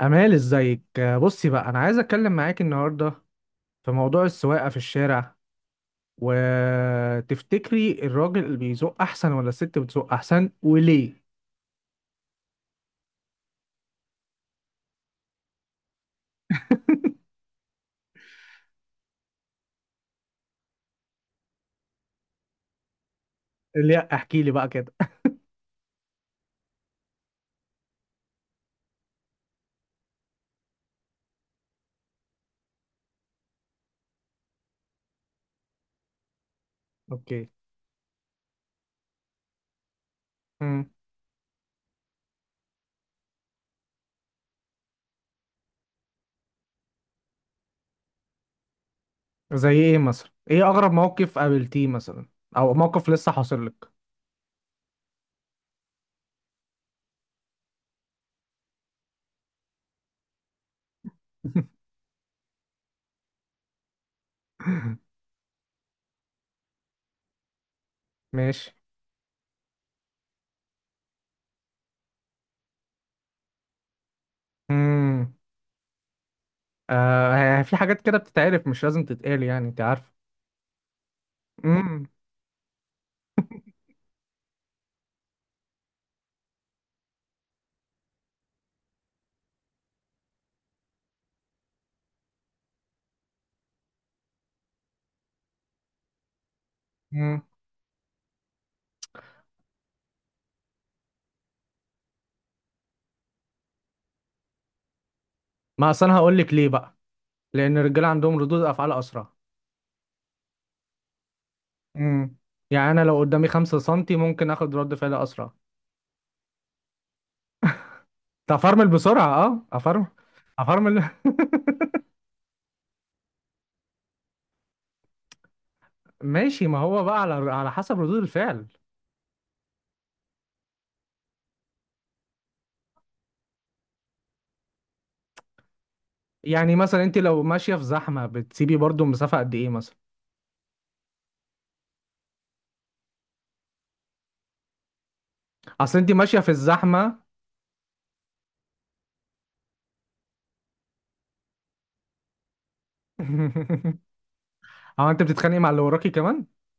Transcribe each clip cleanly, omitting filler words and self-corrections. أمال ازيك آه، بصي بقى، أنا عايز أتكلم معاك النهاردة في موضوع السواقة في الشارع، وتفتكري الراجل اللي بيزق أحسن ولا الست بتزق أحسن وليه؟ لا احكي لي بقى كده. أوكي. مم. زي إيه مثلا؟ إيه أغرب موقف قابلتيه مثلا؟ أو موقف لسه حاصل لك؟ ماشي. مم. آه، في حاجات كده بتتعرف، مش لازم تتقال، أنت عارفة. مم. مم. ما أصل أنا هقول لك ليه بقى؟ لأن الرجالة عندهم ردود أفعال أسرع. امم يعني انا لو قدامي 5 سنتي ممكن اخد رد فعل اسرع. تفرمل بسرعه، اه افرمل. افرمل. ماشي، ما هو بقى على حسب ردود الفعل. يعني مثلا انت لو ماشيه في زحمه بتسيبي برضو مسافه قد ايه مثلا؟ اصل انت ماشيه في الزحمه. هو انت بتتخانقي مع اللي وراكي كمان؟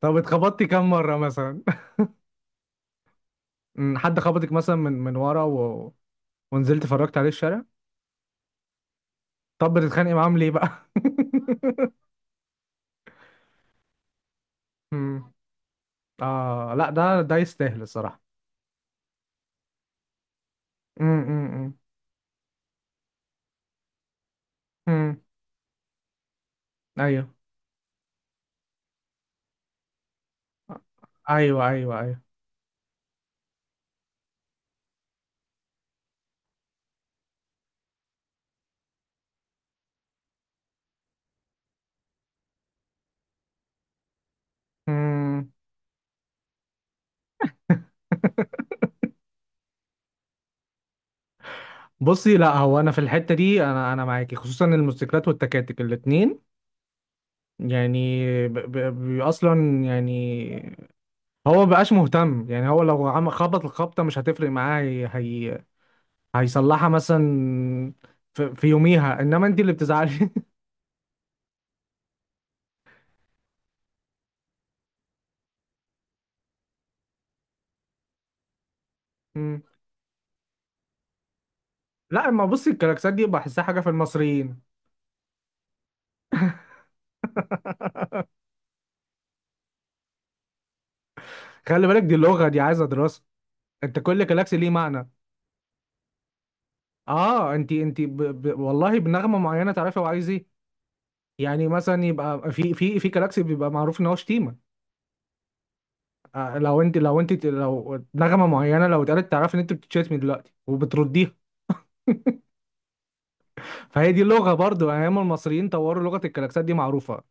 طب اتخبطتي كام مره مثلا؟ حد خبطك مثلا من ورا و... ونزلت فرجت عليه الشارع؟ طب بتتخانقي معاهم ليه بقى؟ اه لا، ده يستاهل الصراحة. امم امم امم ايوه، ايوه ايوه ايوه امم. بصي، لا هو انا في الحتة دي انا معاكي، خصوصا الموتوسيكلات والتكاتك الاتنين. يعني ب ب ب اصلا يعني هو مبقاش مهتم، يعني هو لو عم خبط الخبطة مش هتفرق معاه. هي هي هيصلحها مثلا في, في يوميها، انما انت اللي بتزعلي. مم. لا ما بصي، الكلاكسات دي بحسها حاجة في المصريين. خلي بالك، دي اللغة دي عايزة دراسة. انت كل جالاكسي ليه معنى. اه، والله بنغمة معينة تعرفي هو عايز ايه. يعني مثلا يبقى في جالاكسي بيبقى معروف ان هو شتيمة. آه، لو نغمة معينة لو اتقالت تعرفي ان انت بتتشتمي دلوقتي وبترديها. فهي دي اللغة برضو، ايام المصريين طوروا لغة، الجالاكسات دي معروفة.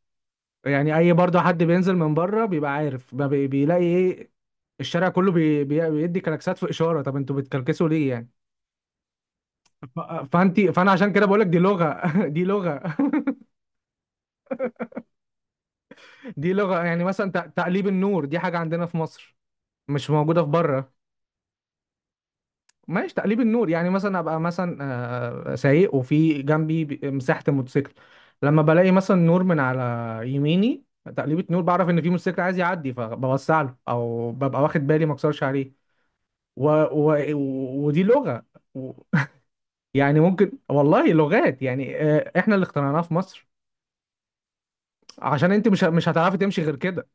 يعني اي برضو حد بينزل من بره بيبقى عارف بقى بيلاقي ايه. الشارع كله بيدي كلاكسات في اشارة، طب انتوا بتكلكسوا ليه يعني؟ ف- فانت فانا عشان كده بقول لك دي لغه. دي لغه. دي لغه. يعني مثلا تقليب النور دي حاجه عندنا في مصر، مش موجوده في بره. ماشي، تقليب النور يعني مثلا ابقى مثلا آه، سايق وفي جنبي مساحه الموتوسيكل، لما بلاقي مثلا نور من على يميني، تقليبة نور بعرف ان في موتوسيكل عايز يعدي فبوسع له، او ببقى واخد بالي ما اكسرش عليه. و... و... ودي لغه. و... يعني ممكن والله لغات، يعني آه، احنا اللي اخترعناها في مصر، عشان انت مش هتعرفي تمشي غير كده.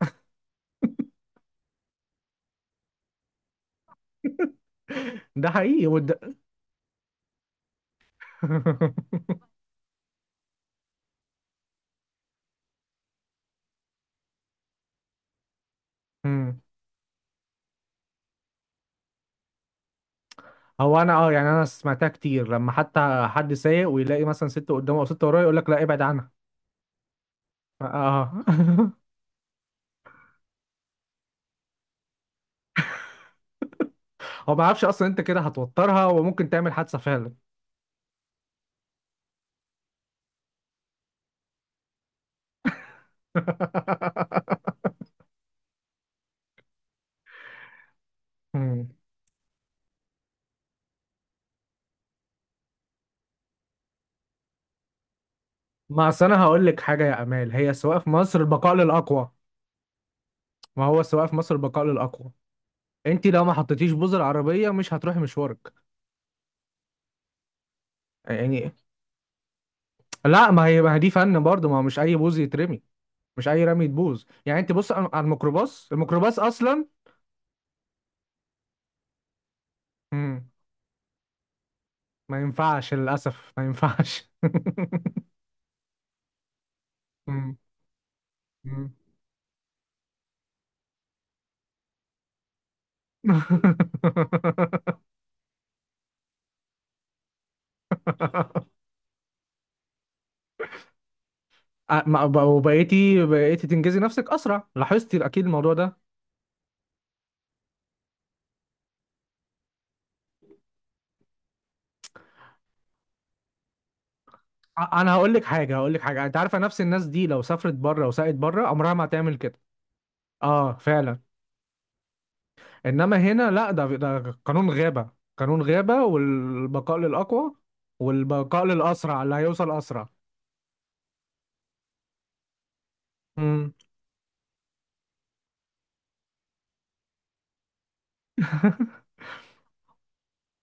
ده حقيقي والد... مم. هو انا اه، يعني انا سمعتها كتير، لما حتى حد سايق ويلاقي مثلا ست قدامه او ست وراه يقول لك لا ابعد عنها. اه. هو ما يعرفش اصلا انت كده هتوترها وممكن تعمل حادثه فعلا. مم. ما اصل انا هقول لك حاجه يا امال، هي السواقه في مصر البقاء للاقوى. ما هو السواقه في مصر البقاء للاقوى، انت لو ما حطيتيش بوز العربيه مش هتروحي مشوارك. يعني لا، ما هي دي فن برضه، ما هو مش اي بوز يترمي، مش اي رمي تبوظ. يعني انت بص على الميكروباص، الميكروباص اصلا. مم. ما ينفعش للاسف، ما ينفعش مم. مم. أ- ما- ب- وبقيتي بقيتي تنجزي نفسك اسرع، لاحظتي اكيد الموضوع ده؟ انا هقول لك حاجه، انت عارفه نفس الناس دي لو سافرت بره وسقت بره عمرها ما هتعمل كده. اه فعلا. انما هنا لا، ده قانون غابه، قانون غابه، والبقاء للاقوى، والبقاء للاسرع، اللي هيوصل اسرع. مم.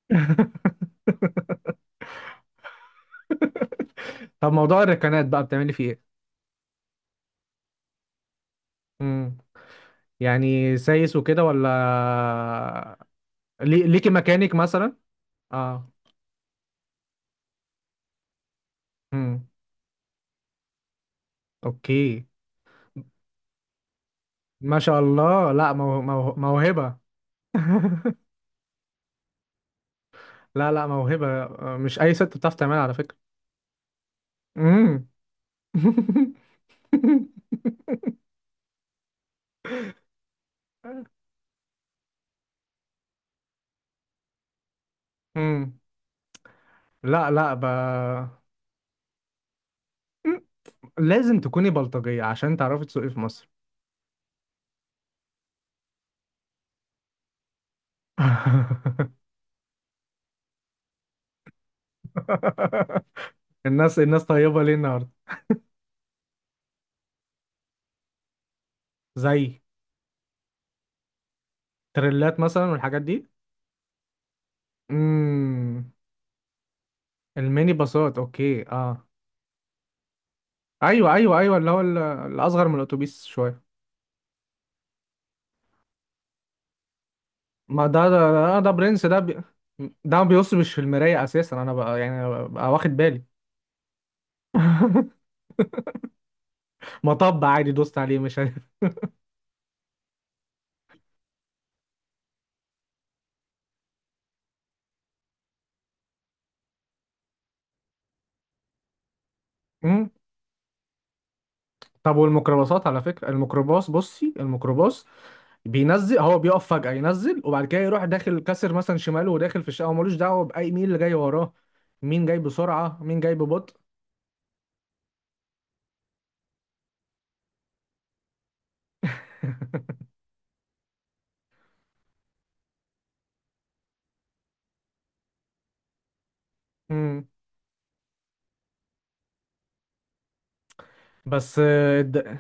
طب موضوع الركنات بقى بتعملي فيه ايه؟ امم، يعني سايس وكده ولا ليكي مكانك مثلا؟ اه. امم. اوكي. ما شاء الله، لا موهبة. لا لا، موهبة، مش اي ست بتعرف تعملها على فكرة. امم. امم. لا لا ب... مم. لازم تكوني بلطجية عشان تعرفي تسوقي في مصر. الناس، الناس طيبة ليه النهاردة؟ زي تريلات مثلا والحاجات دي؟ امم. الميني باصات، اوكي، اه. ايوه اللي هو الاصغر من الاتوبيس شويه. ما ده برنس، ده ما بيصبش في المرايه اساسا. انا بقى يعني أنا بقى واخد بالي. مطب عادي دوست عليه مش عارف. امم. طب والميكروباصات على فكره، الميكروباص، بصي الميكروباص بينزل، هو بيقف فجاه ينزل، وبعد كده يروح داخل كسر مثلا شماله وداخل في الشقه، وملوش دعوه باي مين اللي جاي وراه، مين جاي بسرعه مين جاي ببطء. بس آه،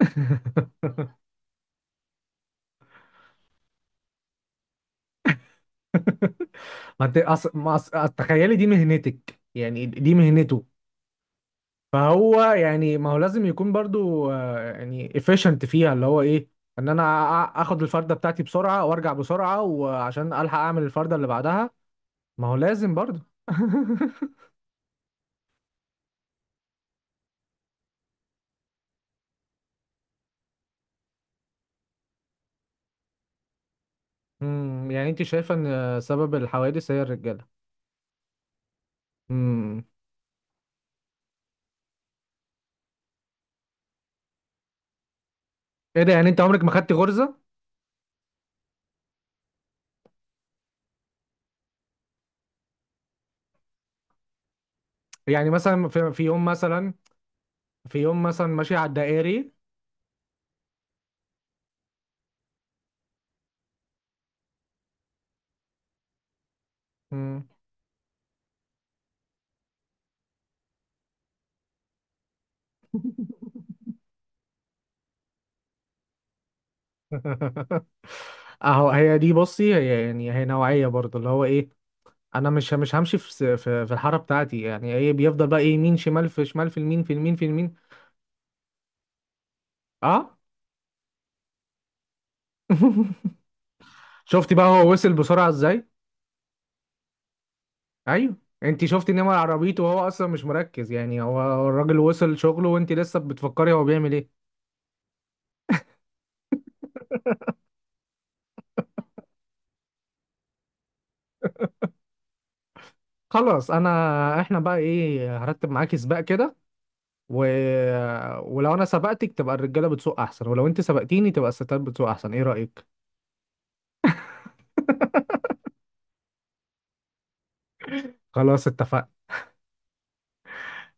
ما انت أص... ما أص... تخيلي دي مهنتك، يعني دي مهنته. فهو يعني ما هو لازم يكون برضو آه، يعني efficient فيها، اللي هو ايه، ان انا اخد الفردة بتاعتي بسرعة وارجع بسرعة وعشان الحق اعمل الفردة اللي بعدها. ما هو لازم برضو. امم، يعني انت شايفة ان سبب الحوادث هي الرجالة؟ امم. ايه ده، يعني انت عمرك ما خدتي غرزة؟ يعني مثلا في في يوم مثلا، ماشي على الدائري؟ مم. اهو هي دي، بصي هي يعني هي نوعية برضه، اللي هو ايه، انا مش همشي في في الحارة بتاعتي، يعني ايه، بيفضل بقى ايه، يمين شمال، في شمال، في اليمين في اليمين. اه. شفتي بقى هو وصل بسرعة ازاي؟ ايوه. انت شفتي نمر عربيته، وهو اصلا مش مركز. يعني هو الراجل وصل شغله وانت لسه بتفكري هو بيعمل ايه. خلاص انا، احنا بقى ايه، هرتب معاكي سباق كده و... ولو انا سبقتك تبقى الرجالة بتسوق احسن، ولو انت سبقتيني تبقى الستات بتسوق احسن، ايه رأيك؟ خلاص، اتفقنا.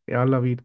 يلا بينا.